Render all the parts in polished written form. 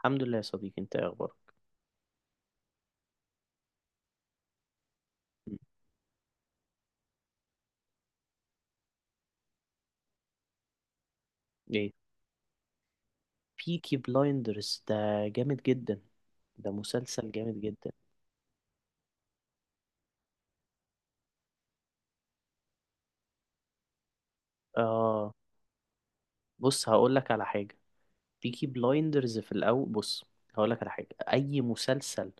الحمد لله يا صديقي، انت ايه اخبارك؟ م. ايه، بيكي بلايندرز ده جامد جدا. ده مسلسل جامد جدا. اه، بص هقول لك على حاجه. بيكي بلايندرز في الاول، بص هقول لك على حاجه. اي مسلسل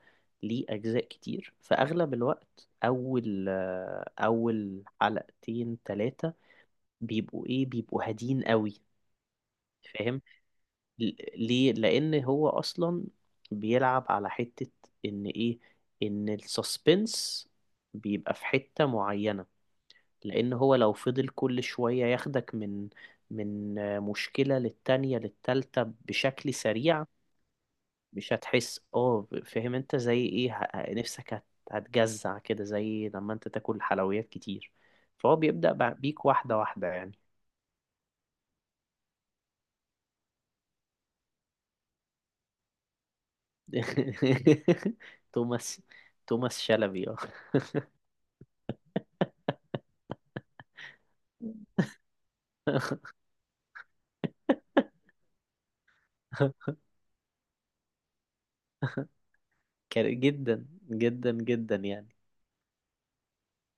ليه اجزاء كتير، في اغلب الوقت اول حلقتين ثلاثه، بيبقوا ايه، بيبقوا هادين قوي. فاهم؟ ل- ليه؟ لان هو اصلا بيلعب على حتة، ان ايه، ان السسبنس بيبقى في حتة معينة، لان هو لو فضل كل شوية ياخدك من مشكلة للتانية للتالتة بشكل سريع، مش هتحس. اه فاهم انت زي ايه؟ نفسك هتجزع كده زي لما انت تاكل حلويات كتير، فهو بيبدأ بيك واحدة واحدة يعني. توماس. توماس شلبي، اه. كان جدا جدا جدا يعني.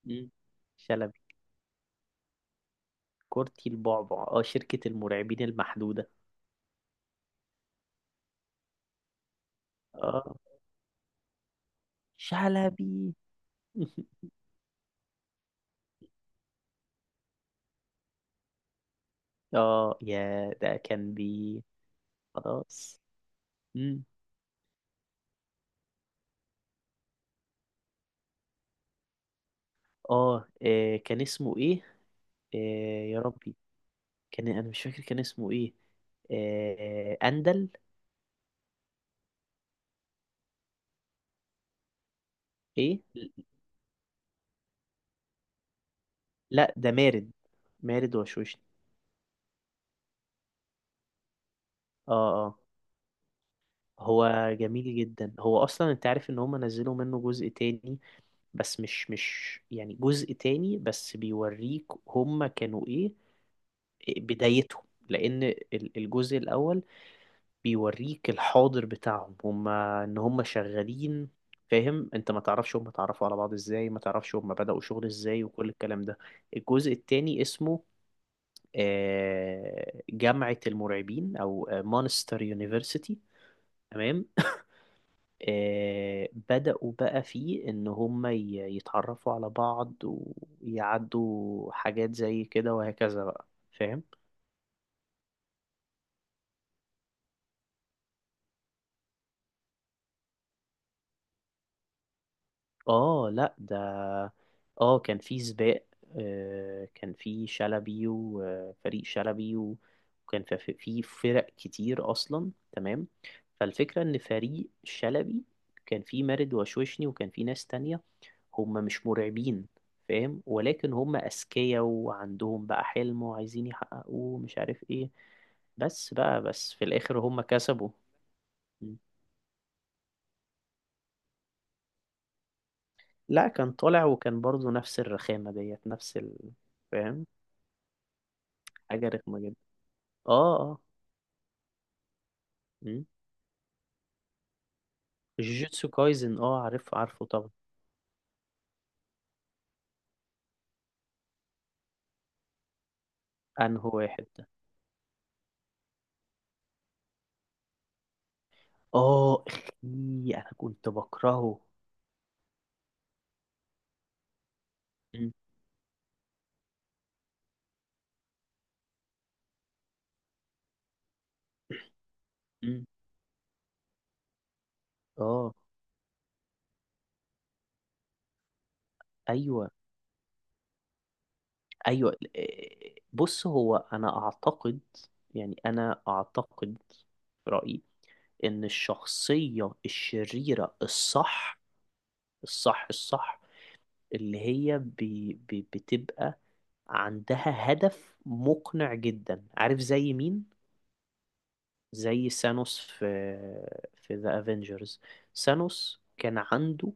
مم. شلبي. كورتي البعبع، اه شركة المرعبين المحدودة. اه، شلبي. اه، يا ده كان بي. خلاص. مم. اه، كان اسمه ايه؟ آه، يا ربي، كان انا مش فاكر كان اسمه ايه. آه، اندل. ايه؟ لا، ده مارد. مارد وشوشني. اه، اه. هو جميل جدا، هو اصلا انت عارف ان هم نزلوا منه جزء تاني، بس مش يعني جزء تاني، بس بيوريك هما كانوا ايه، بدايتهم. لان الجزء الاول بيوريك الحاضر بتاعهم، هما ان هما شغالين. فاهم انت ما تعرفش هما اتعرفوا على بعض ازاي، ما تعرفش هما بدأوا شغل ازاي وكل الكلام ده. الجزء التاني اسمه جامعة المرعبين او مانستر يونيفرسيتي. تمام. بدأوا بقى فيه إن هم يتعرفوا على بعض ويعدوا حاجات زي كده وهكذا بقى. فاهم؟ آه لأ ده. آه، كان في سباق. كان في شلبي وفريق شلبي وكان في فرق كتير أصلا. تمام. فالفكرة إن فريق شلبي كان في مارد وشوشني وكان في ناس تانية، هم مش مرعبين. فاهم؟ ولكن هم أذكياء وعندهم بقى حلم وعايزين يحققوه، مش عارف ايه. بس بقى بس في الآخر هم كسبوا. م. لا، كان طالع وكان برضو نفس الرخامة ديت، نفس فاهم. حاجة رخمة جدا. اه، اه. م. جوجوتسو كايزن، اه عارفه عارفه طبعا. انه واحد ده. اه، اخي. انا كنت بكرهه. م. م. اه. ايوه ايوه، بص هو انا اعتقد، يعني انا اعتقد في رايي ان الشخصيه الشريره الصح، الصح الصح، اللي هي بي بي بتبقى عندها هدف مقنع جدا. عارف زي مين؟ زي سانوس في ذا افنجرز. سانوس كان عنده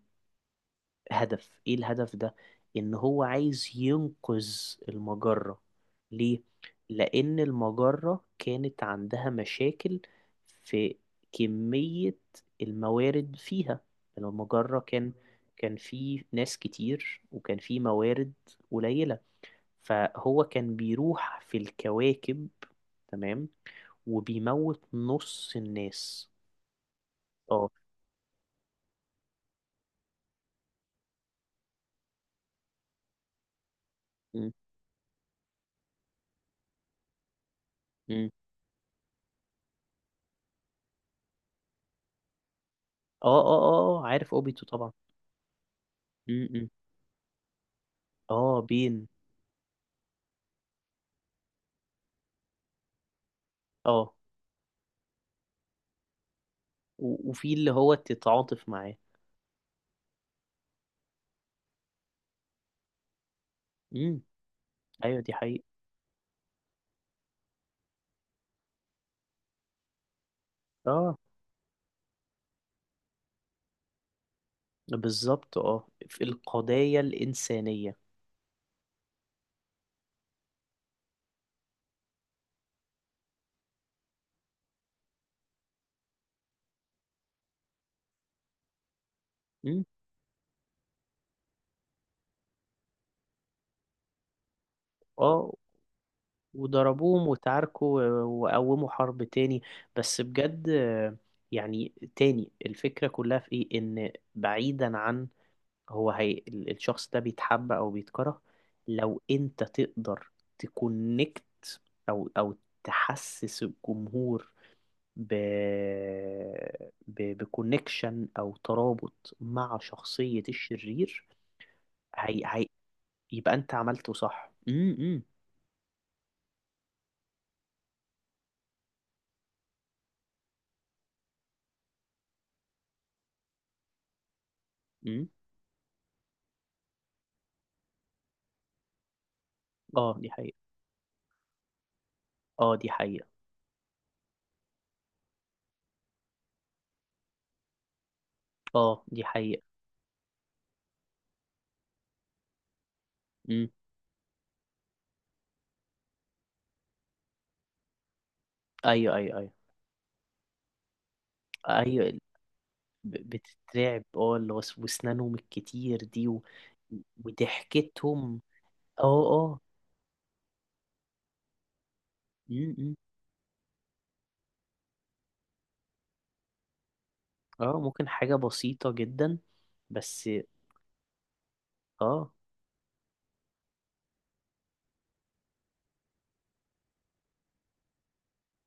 هدف، ايه الهدف ده؟ ان هو عايز ينقذ المجرة. ليه؟ لان المجرة كانت عندها مشاكل في كمية الموارد فيها. يعني المجرة كان في ناس كتير وكان في موارد قليلة، فهو كان بيروح في الكواكب، تمام، وبيموت نص الناس. اه. م- م. اه اه اه، عارف اوبيتو طبعا. م. اه، بين. اه، وفي اللي هو تتعاطف معاه. امم. ايوه، دي حقيقة. اه، بالظبط، اه في القضايا الإنسانية. امم. اه، وضربوهم وتعاركوا وقوموا حرب تاني. بس بجد. يعني تاني الفكرة كلها في ايه، ان بعيدا عن هو هي الشخص ده بيتحب او بيتكره، لو انت تقدر تكونكت او تحسس الجمهور ب... بكونكشن او ترابط مع شخصية الشرير. هي... هي... يبقى انت عملته صح. امم. امم. اه، دي حقيقة. اه، دي حقيقة. اه، دي حقيقة. امم. ايوه ايوه ايوه ايوه. بتترعب، اه اللي هو واسنانهم الكتير دي وضحكتهم. اه، اه. امم. إمم. اه، ممكن حاجة بسيطة جدا. بس. اه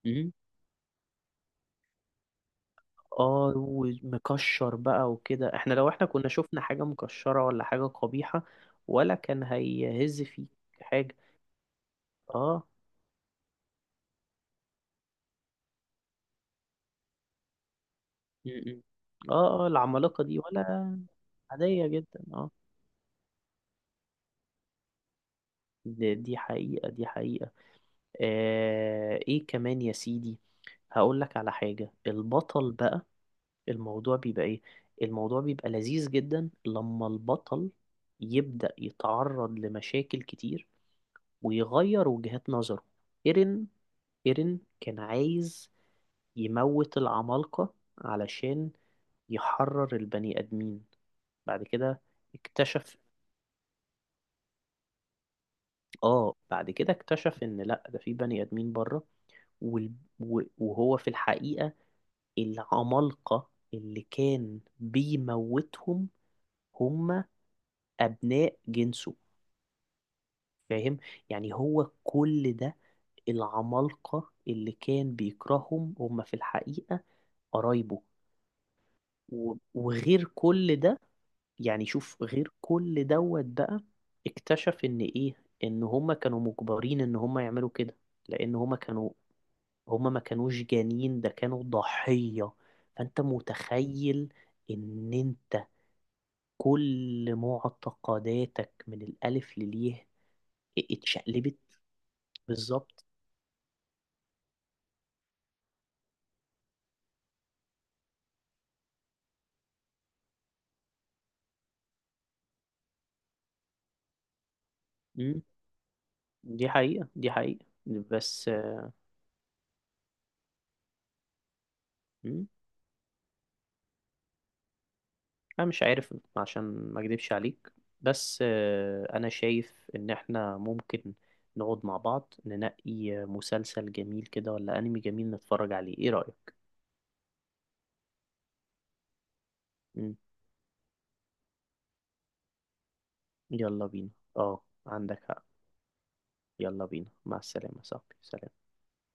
إمم. اه، ومكشر بقى وكده، لو احنا كنا شفنا حاجة مكشرة ولا حاجة قبيحة ولا كان هيهز فيك حاجة. اه. م. اه، اه. العمالقة دي ولا عادية جدا. اه، دي حقيقة. دي حقيقة. آه، ايه كمان يا سيدي؟ هقول لك على حاجة. البطل بقى الموضوع بيبقى ايه؟ الموضوع بيبقى لذيذ جدا لما البطل يبدأ يتعرض لمشاكل كتير ويغير وجهات نظره. ايرين ايرين كان عايز يموت العمالقة علشان يحرر البني آدمين. بعد كده اكتشف اه بعد كده اكتشف ان لا، ده في بني آدمين بره وال... وهو في الحقيقة العمالقة اللي كان بيموتهم هم أبناء جنسه. فاهم؟ يعني هو كل ده العمالقة اللي كان بيكرههم هم في الحقيقة قرايبه. وغير كل ده، يعني شوف غير كل دوت بقى، اكتشف ان ايه، ان هما كانوا مجبرين ان هما يعملوا كده، لان هما ما كانوش جانين، ده كانوا ضحية. فانت متخيل ان انت كل معتقداتك من الالف لليه اتشقلبت. بالظبط. امم. دي حقيقة، دي حقيقة بس. مم. انا مش عارف، عشان ما اكدبش عليك، بس. انا شايف ان احنا ممكن نقعد مع بعض ننقي مسلسل جميل كده ولا انمي جميل نتفرج عليه. ايه رأيك؟ مم. يلا بينا. اه، عندك حق. يلا بينا، مع السلامة يا صاحبي، سلام.